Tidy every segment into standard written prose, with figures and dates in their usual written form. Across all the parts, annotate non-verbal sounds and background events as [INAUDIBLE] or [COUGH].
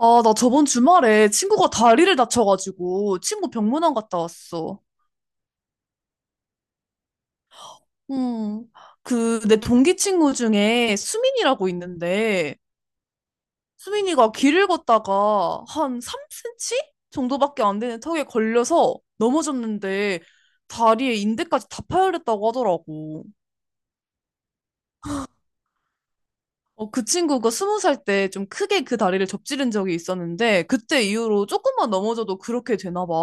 아, 나 저번 주말에 친구가 다리를 다쳐가지고 친구 병문안 갔다 왔어. 음, 그, 내 동기 친구 중에 수민이라고 있는데, 수민이가 길을 걷다가 한 3cm 정도밖에 안 되는 턱에 걸려서 넘어졌는데, 다리에 인대까지 다 파열했다고 하더라고. 어, 그 친구가 20살 때 좀 크게 그 다리를 접지른 적이 있었는데, 그때 이후로 조금만 넘어져도 그렇게 되나 봐.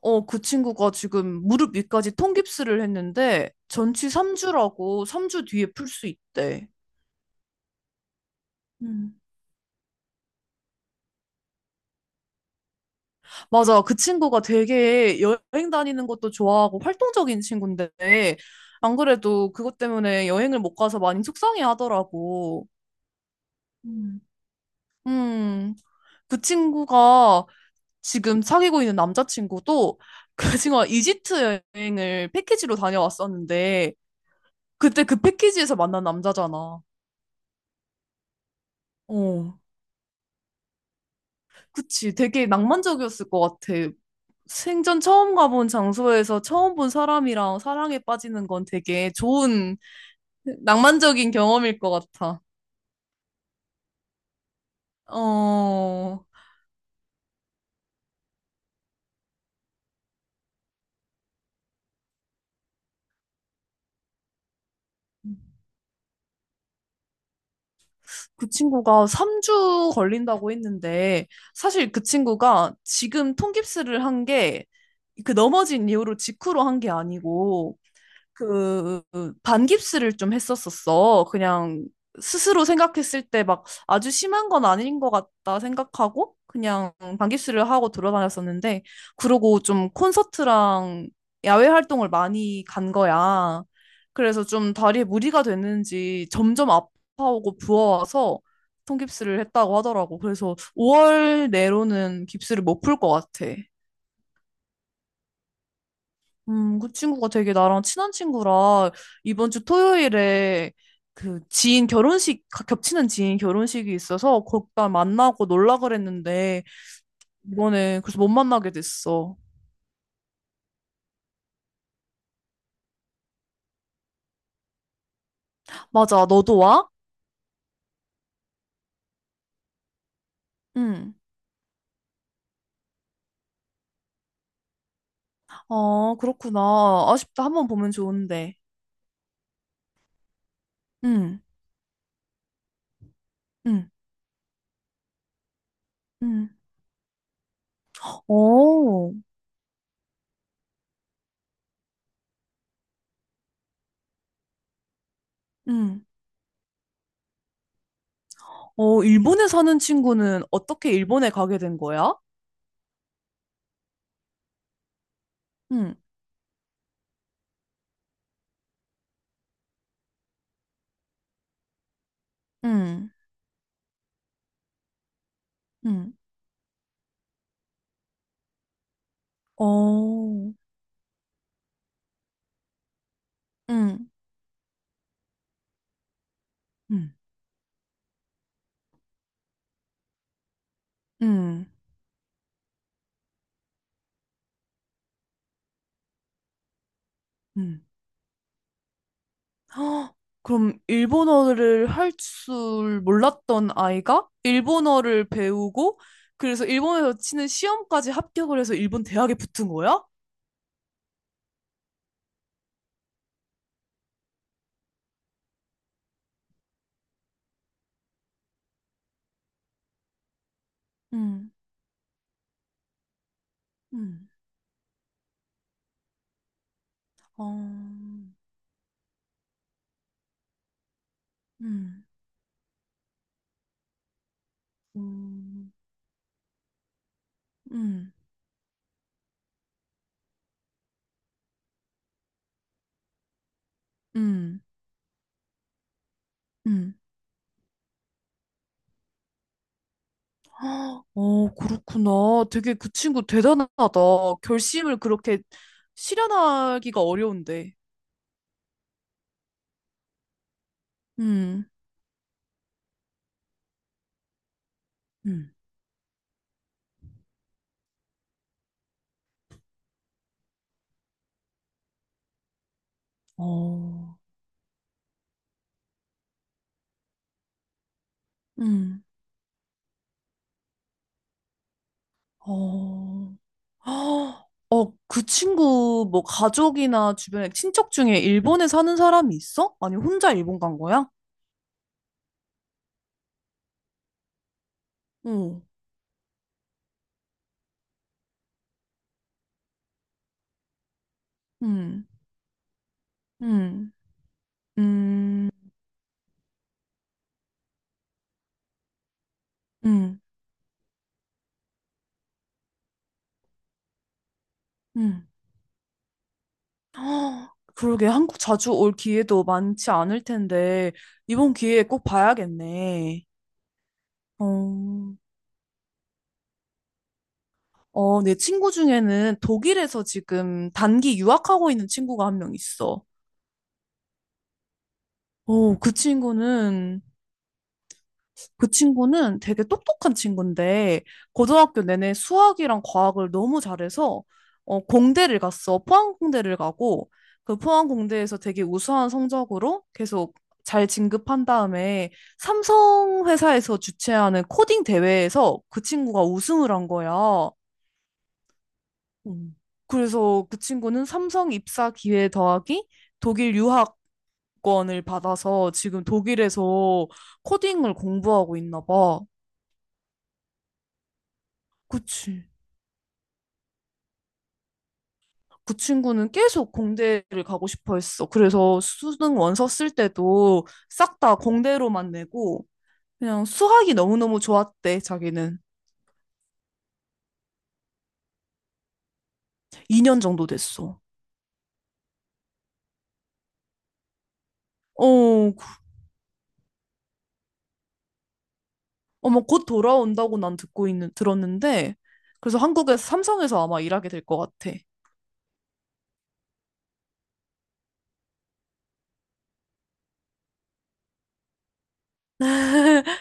어, 그 친구가 지금 무릎 위까지 통깁스를 했는데 전치 3주라고 3주 뒤에 풀 수 있대. 음. 맞아. 그 친구가 되게 여행 다니는 것도 좋아하고 활동적인 친구인데 안 그래도 그것 때문에 여행을 못 가서 많이 속상해 하더라고. 음. 음, 그 친구가 지금 사귀고 있는 남자친구도 [LAUGHS] 그 친구가 이집트 여행을 패키지로 다녀왔었는데 그때 그 패키지에서 만난 남자잖아. 어. 그치, 되게 낭만적이었을 것 같아. 생전 처음 가본 장소에서 처음 본 사람이랑 사랑에 빠지는 건 되게 좋은 낭만적인 경험일 것 같아. 어, 그 친구가 3주 걸린다고 했는데, 사실 그 친구가 지금 통깁스를 한 게, 그 넘어진 이후로 직후로 한 게 아니고, 그 반깁스를 좀 했었었어. 그냥 스스로 생각했을 때 막 아주 심한 건 아닌 것 같다 생각하고 그냥 반깁스를 하고 돌아다녔었는데 그러고 좀 콘서트랑 야외 활동을 많이 간 거야. 그래서 좀 다리에 무리가 됐는지 점점 아파오고 부어와서 통깁스를 했다고 하더라고. 그래서 5월 내로는 깁스를 못 풀 것 같아. 그 친구가 되게 나랑 친한 친구라 이번 주 토요일에 그 지인 결혼식, 겹치는 지인 결혼식이 있어서 거기다 만나고 놀라 그랬는데 이번에 그래서 못 만나게 됐어. 맞아, 너도 와? 응. 아, 그렇구나. 아쉽다. 한번 보면 좋은데. 응, 응, 응. 오. 응. 어, 일본에 사는 친구는 어떻게 일본에 가게 된 거야? 응, 응, 응. 어, 응, 응, 응. 음. 헉, 그럼 일본어를 할 줄 몰랐던 아이가 일본어를 배우고 그래서 일본에서 치는 시험까지 합격을 해서 일본 대학에 붙은 거야? 음, 음, 어, 음, 음, 음, 음. 음. 헉, 어, 그렇구나. 되게 그 친구 대단하다. 결심을 그렇게 실현하기가 어려운데. 음, 음, 어, 음, 어. 헉, 어, 그 친구 뭐 가족이나 주변에 친척 중에 일본에 사는 사람이 있어? 아니 혼자 일본 간 거야? 응. 음, 음, 음, 음, 음. 헉, 그러게 한국 자주 올 기회도 많지 않을 텐데 이번 기회에 꼭 봐야겠네. 어, 어, 내 친구 중에는 독일에서 지금 단기 유학하고 있는 친구가 한 명 있어. 어, 그 친구는 되게 똑똑한 친구인데 고등학교 내내 수학이랑 과학을 너무 잘해서 어, 공대를 갔어. 포항공대를 가고 그 포항공대에서 되게 우수한 성적으로 계속 잘 진급한 다음에 삼성 회사에서 주최하는 코딩 대회에서 그 친구가 우승을 한 거야. 음. 그래서 그 친구는 삼성 입사 기회 더하기 독일 유학권을 받아서 지금 독일에서 코딩을 공부하고 있나 봐. 그치. 그 친구는 계속 공대를 가고 싶어 했어. 그래서 수능 원서 쓸 때도 싹 다 공대로만 내고 그냥 수학이 너무너무 좋았대, 자기는. 2년 정도 됐어. 어, 어머, 곧 돌아온다고 들었는데, 그래서 한국에서 삼성에서 아마 일하게 될 것 같아. [LAUGHS]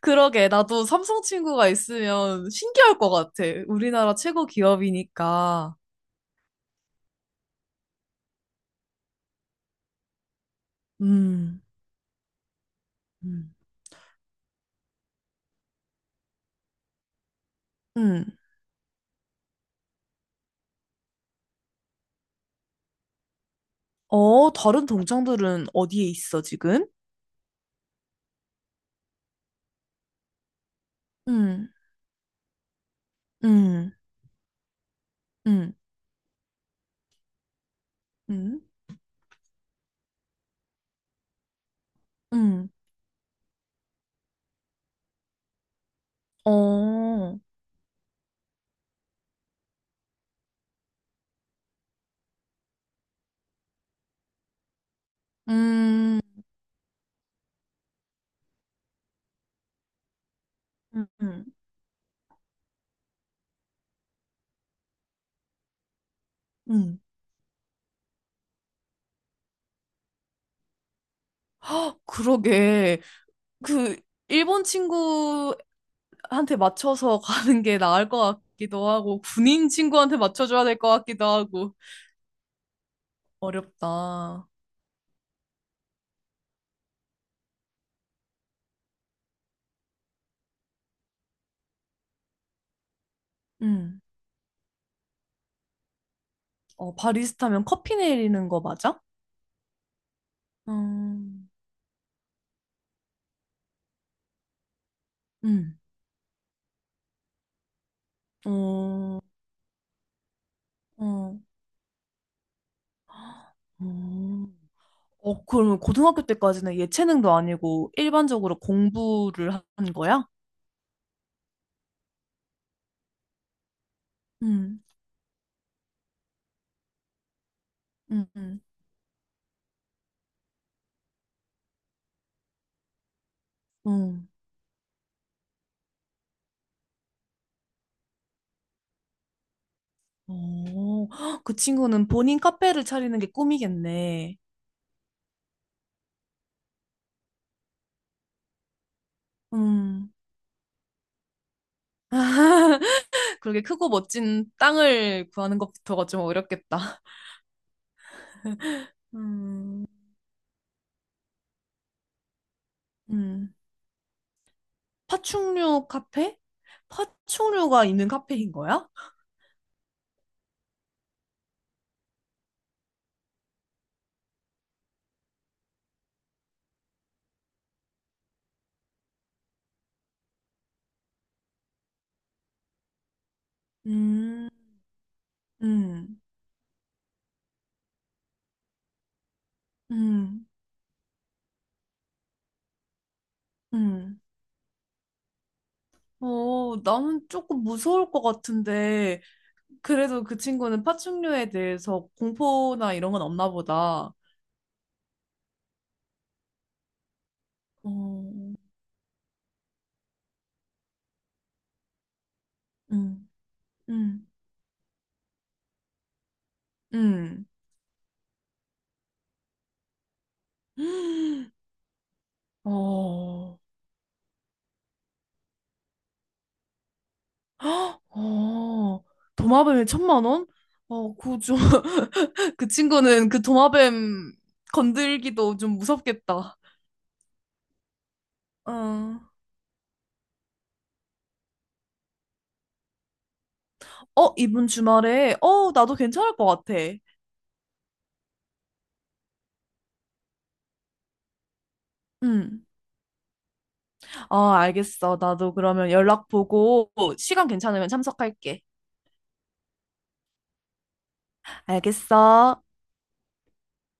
그러게, 나도 삼성 친구가 있으면 신기할 것 같아. 우리나라 최고 기업이니까. 음, 음. 음. 어, 다른 동창들은 어디에 있어, 지금? 음, 음, 음, 음, 음, 어, 음, 음, 음. 음. 그러게. 그, 일본 친구한테 맞춰서 가는 게 나을 것 같기도 하고, 군인 친구한테 맞춰줘야 될 것 같기도 하고. 어렵다. 음. 어, 바리스타면 커피 내리는 거 맞아? 음, 음, 어, 어, 음. 어, 그러면 고등학교 때까지는 예체능도 아니고 일반적으로 공부를 한 거야? 음, 음, 음, 음. 어, 헉, 그 친구는 본인 카페를 차리는 게 꿈이겠네. 음. [LAUGHS] 그렇게 크고 멋진 땅을 구하는 것부터가 좀 어렵겠다. 음, 음. 파충류 카페? 파충류가 있는 카페인 거야? 음, 음, 음, 음. 어, 나는 조금 무서울 것 같은데, 그래도 그 친구는 파충류에 대해서 공포나 이런 건 없나 보다. 어, 음, 음, 음. [GASPS] 어, 어, 도마뱀에 1,000만 원? 어, 그 좀, [LAUGHS] 그 친구는 그 도마뱀 건들기도 좀 무섭겠다. 어, 어, 이번 주말에, 어, 나도 괜찮을 것 같아. 응. 어, 알겠어. 나도 그러면 연락 보고 시간 괜찮으면 참석할게. 알겠어.